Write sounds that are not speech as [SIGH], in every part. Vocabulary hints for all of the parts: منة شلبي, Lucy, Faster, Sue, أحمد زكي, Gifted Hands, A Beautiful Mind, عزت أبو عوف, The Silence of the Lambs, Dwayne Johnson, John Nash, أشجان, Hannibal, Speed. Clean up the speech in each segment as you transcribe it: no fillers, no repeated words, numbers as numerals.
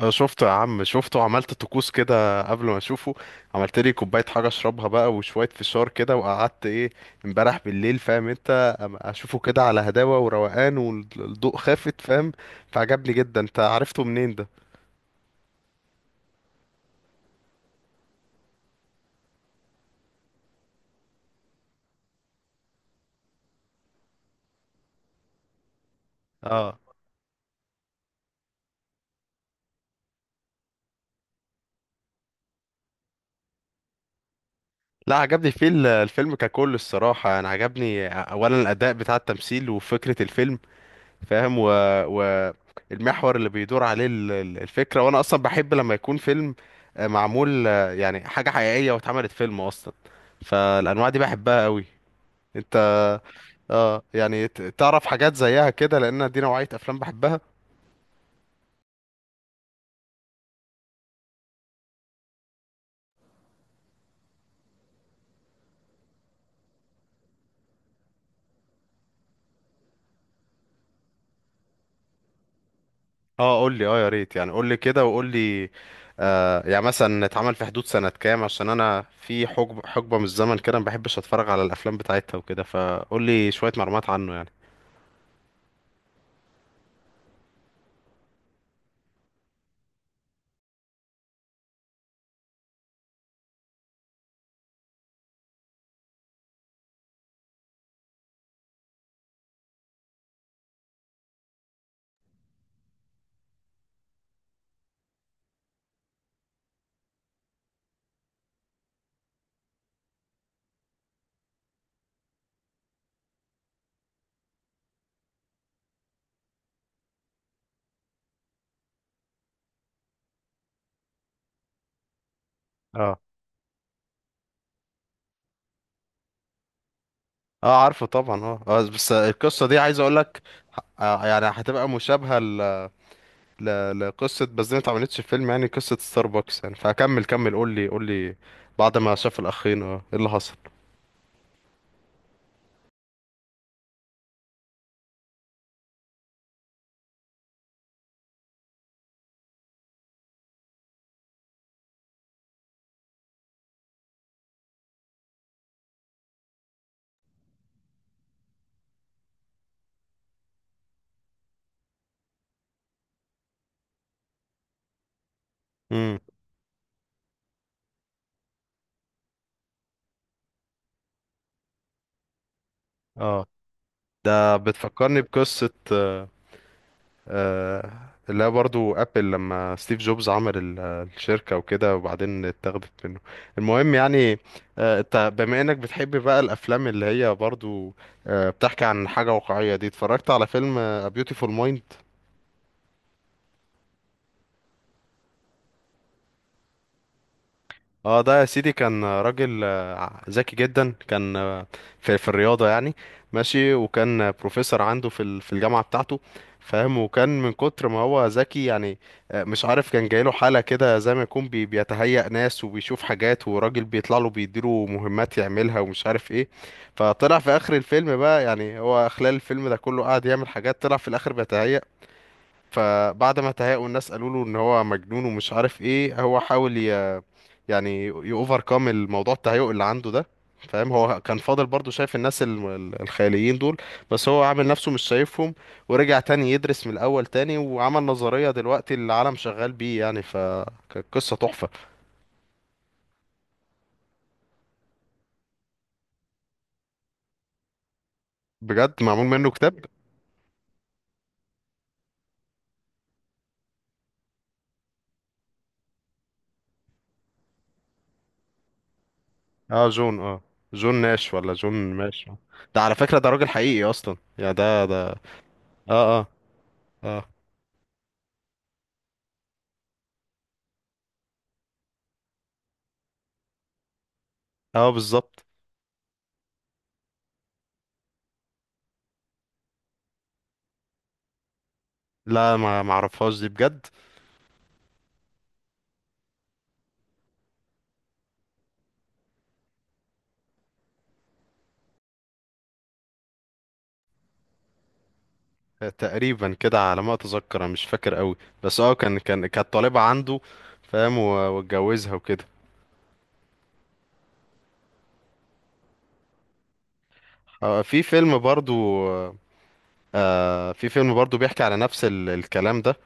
أه، شفته يا عم شفته وعملت طقوس كده قبل ما اشوفه. عملت لي كوبايه حاجه اشربها بقى وشويه فشار كده وقعدت ايه امبارح بالليل، فاهم انت؟ اشوفه كده على هداوه وروقان والضوء خافت، فاهم؟ فعجبني جدا. انت عرفته منين ده؟ اه. لا، عجبني فيه الفيلم ككل الصراحه. انا عجبني اولا الاداء بتاع التمثيل وفكره الفيلم، فاهم؟ و... المحور اللي بيدور عليه الفكرة، وانا اصلا بحب لما يكون فيلم معمول، يعني حاجة حقيقية واتعملت فيلم اصلا. فالانواع دي بحبها قوي. انت اه يعني تعرف حاجات زيها كده؟ لان دي نوعية افلام بحبها. اه، قول لي اه، يا ريت يعني قول لي كده وقول لي. آه يعني مثلا اتعمل في حدود سنة كام؟ عشان انا في حقبة من الزمن كده ما بحبش اتفرج على الافلام بتاعتها وكده، فقول لي شوية معلومات عنه يعني. اه. اه، عارفه طبعا اه. بس القصه دي عايز اقول لك يعني هتبقى مشابهه لقصه، بس دي ما اتعملتش في فيلم يعني قصه ستاربكس يعني. فكمل كمل، قول لي قول لي بعد ما شاف الاخين اه ايه اللي حصل. امم. اه. بتفكرني بقصه، آه، آه، اللي هي برضو ابل لما ستيف جوبز عمل الشركة وكده وبعدين اتاخدت منه. المهم يعني، انت بما انك بتحب بقى الافلام اللي هي برضو بتحكي عن حاجة واقعية دي، اتفرجت على فيلم A Beautiful Mind؟ اه، ده يا سيدي كان راجل ذكي جدا، كان في الرياضة يعني ماشي. وكان بروفيسور عنده في في الجامعة بتاعته، فاهم؟ وكان من كتر ما هو ذكي يعني مش عارف، كان جايله حالة كده زي ما يكون بيتهيأ ناس وبيشوف حاجات وراجل بيطلع له بيديله مهمات يعملها ومش عارف ايه. فطلع في آخر الفيلم بقى، يعني هو خلال الفيلم ده كله قاعد يعمل حاجات، طلع في الآخر بيتهيأ. فبعد ما تهاقوا الناس قالوا له ان هو مجنون ومش عارف ايه، هو حاول يعني يوفركم الموضوع التهيؤ اللي عنده ده، فاهم؟ هو كان فاضل برضو شايف الناس الخياليين دول بس هو عامل نفسه مش شايفهم. ورجع تاني يدرس من الاول تاني وعمل نظرية دلوقتي العالم شغال بيه يعني، فكانت قصة تحفة. بجد معمول منه كتاب؟ اه، جون اه. جون ناش ولا جون ماش؟ ده على فكرة ده راجل حقيقي اصلا يعني ده ده. اه اه. اه اه بالظبط. لا، ما معرفهاش دي بجد. تقريبا كده على ما اتذكر، أنا مش فاكر قوي بس اه، كان كانت طالبة عنده، فاهم؟ واتجوزها وكده. في فيلم برضو، في فيلم برضو بيحكي على نفس الكلام ده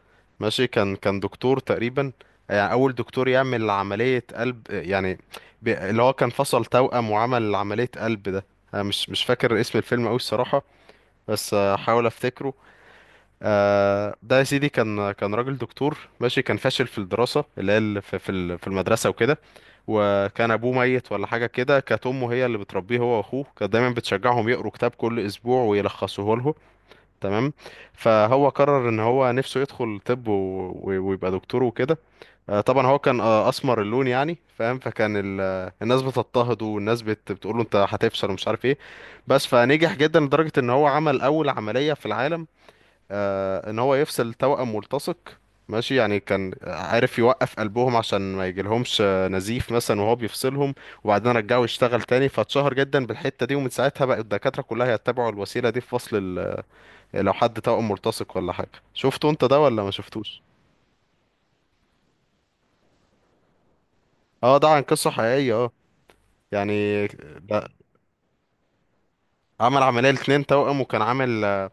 ماشي. كان دكتور تقريبا، يعني اول دكتور يعمل عملية قلب يعني، اللي هو كان فصل توأم وعمل عملية قلب ده. انا مش فاكر اسم الفيلم قوي الصراحة، بس هحاول افتكره. ده يا سيدي كان راجل دكتور ماشي، كان فاشل في الدراسة اللي هي في في المدرسة وكده. وكان أبوه ميت ولا حاجة كده، كانت أمه هي اللي بتربيه هو وأخوه، كانت دايما بتشجعهم يقروا كتاب كل أسبوع ويلخصوه له، تمام؟ فهو قرر إن هو نفسه يدخل طب ويبقى دكتور وكده. طبعا هو كان أسمر اللون يعني، فاهم؟ فكان الناس بتضطهده والناس بتقوله أنت هتفشل ومش عارف إيه. بس فنجح جدا لدرجة إن هو عمل أول عملية في العالم، ان هو يفصل توأم ملتصق ماشي. يعني كان عارف يوقف قلبهم عشان ما يجيلهمش نزيف مثلا وهو بيفصلهم، وبعدين رجعه يشتغل تاني. فاتشهر جدا بالحتة دي، ومن ساعتها بقى الدكاترة كلها يتبعوا الوسيلة دي في فصل لو حد توأم ملتصق ولا حاجة. شفته انت ده ولا ما شفتوش؟ اه، ده عن قصة حقيقية اه يعني ده. عمل عملية لاتنين توأم وكان عامل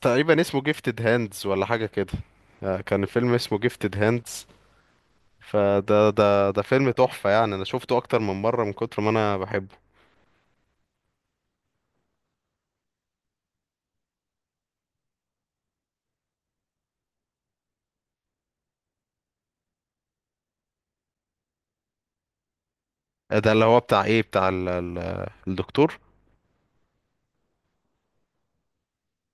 تقريبا اسمه جيفتد هاندز ولا حاجة كده. كان فيلم اسمه جيفتد هاندز. فده ده فيلم تحفة، يعني انا شفته اكتر من مرة من كتر ما انا بحبه. ده اللي هو بتاع ايه، بتاع ال ال الدكتور.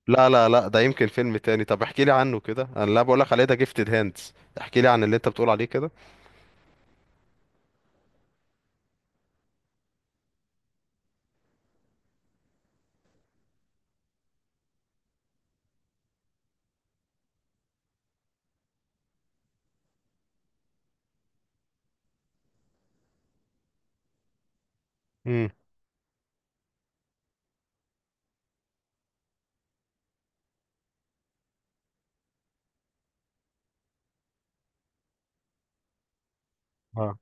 لا لا لا، ده يمكن فيلم تاني. طب احكي لي عنه كده، انا لا بقول لك عليه ده جيفتد هاندز، احكي لي عن اللي انت بتقول عليه كده. امم. اه.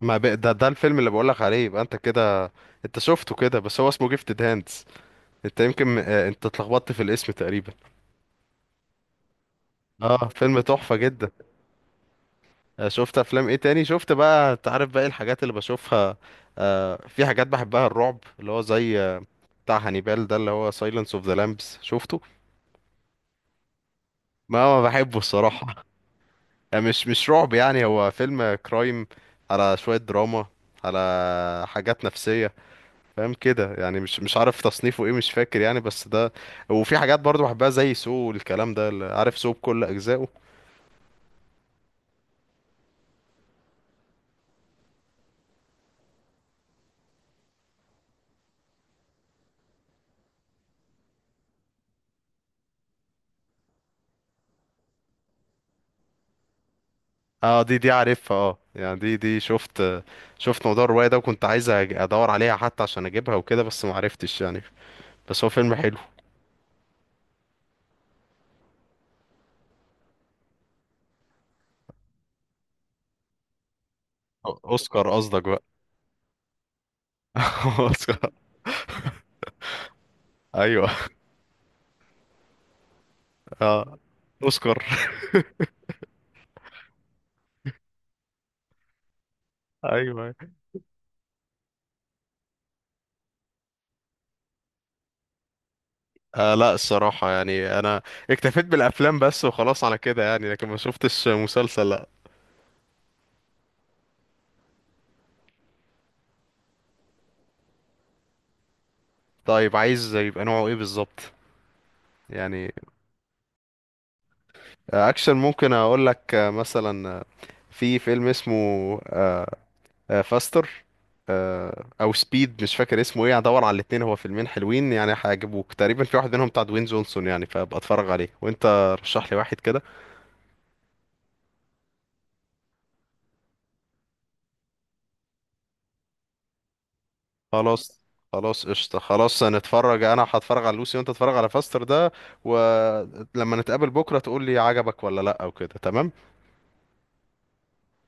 ما ب... ده الفيلم اللي بقول لك عليه، يبقى انت كده انت شفته كده، بس هو اسمه جيفتد هاندز. انت يمكن انت اتلخبطت في الاسم تقريبا. اه، فيلم تحفة جدا. شفت افلام ايه تاني؟ شفت بقى، انت عارف بقى إيه الحاجات اللي بشوفها. في حاجات بحبها الرعب، اللي هو زي بتاع هانيبال ده اللي هو سايلنس اوف ذا لامبس، شفته؟ ما بحبه الصراحة [LAUGHS] يعني مش رعب، يعني هو فيلم كرايم، على شوية دراما، على حاجات نفسية، فاهم كده؟ يعني مش عارف تصنيفه ايه مش فاكر يعني بس ده. وفي حاجات برضو بحبها زي سو والكلام ده، اللي عارف سو بكل اجزائه. اه، دي عارفها اه، يعني دي شفت. شفت موضوع الرواية ده وكنت عايز ادور عليها حتى عشان اجيبها وكده بس ما عرفتش يعني. بس هو فيلم حلو. اوسكار قصدك بقى. [LAUGHS] اوسكار. ايوه. اه اوسكار. ايوه. آه لا، الصراحة يعني انا اكتفيت بالافلام بس وخلاص على كده يعني، لكن ما شفتش مسلسل لا. طيب، عايز يبقى نوعه ايه بالظبط يعني؟ اكشن ممكن اقول لك مثلا في فيلم اسمه آه، فاستر، او سبيد، مش فاكر اسمه ايه، هدور على الاتنين. هو فيلمين حلوين يعني هيعجبوك تقريبا، في واحد منهم بتاع دوين جونسون يعني، فابقى اتفرج عليه وانت رشح لي واحد كده. خلاص. خلاص قشطة خلاص، هنتفرج. انا هتفرج على لوسي وانت تتفرج على فاستر ده، ولما نتقابل بكرة تقول لي عجبك ولا لا او كده، تمام.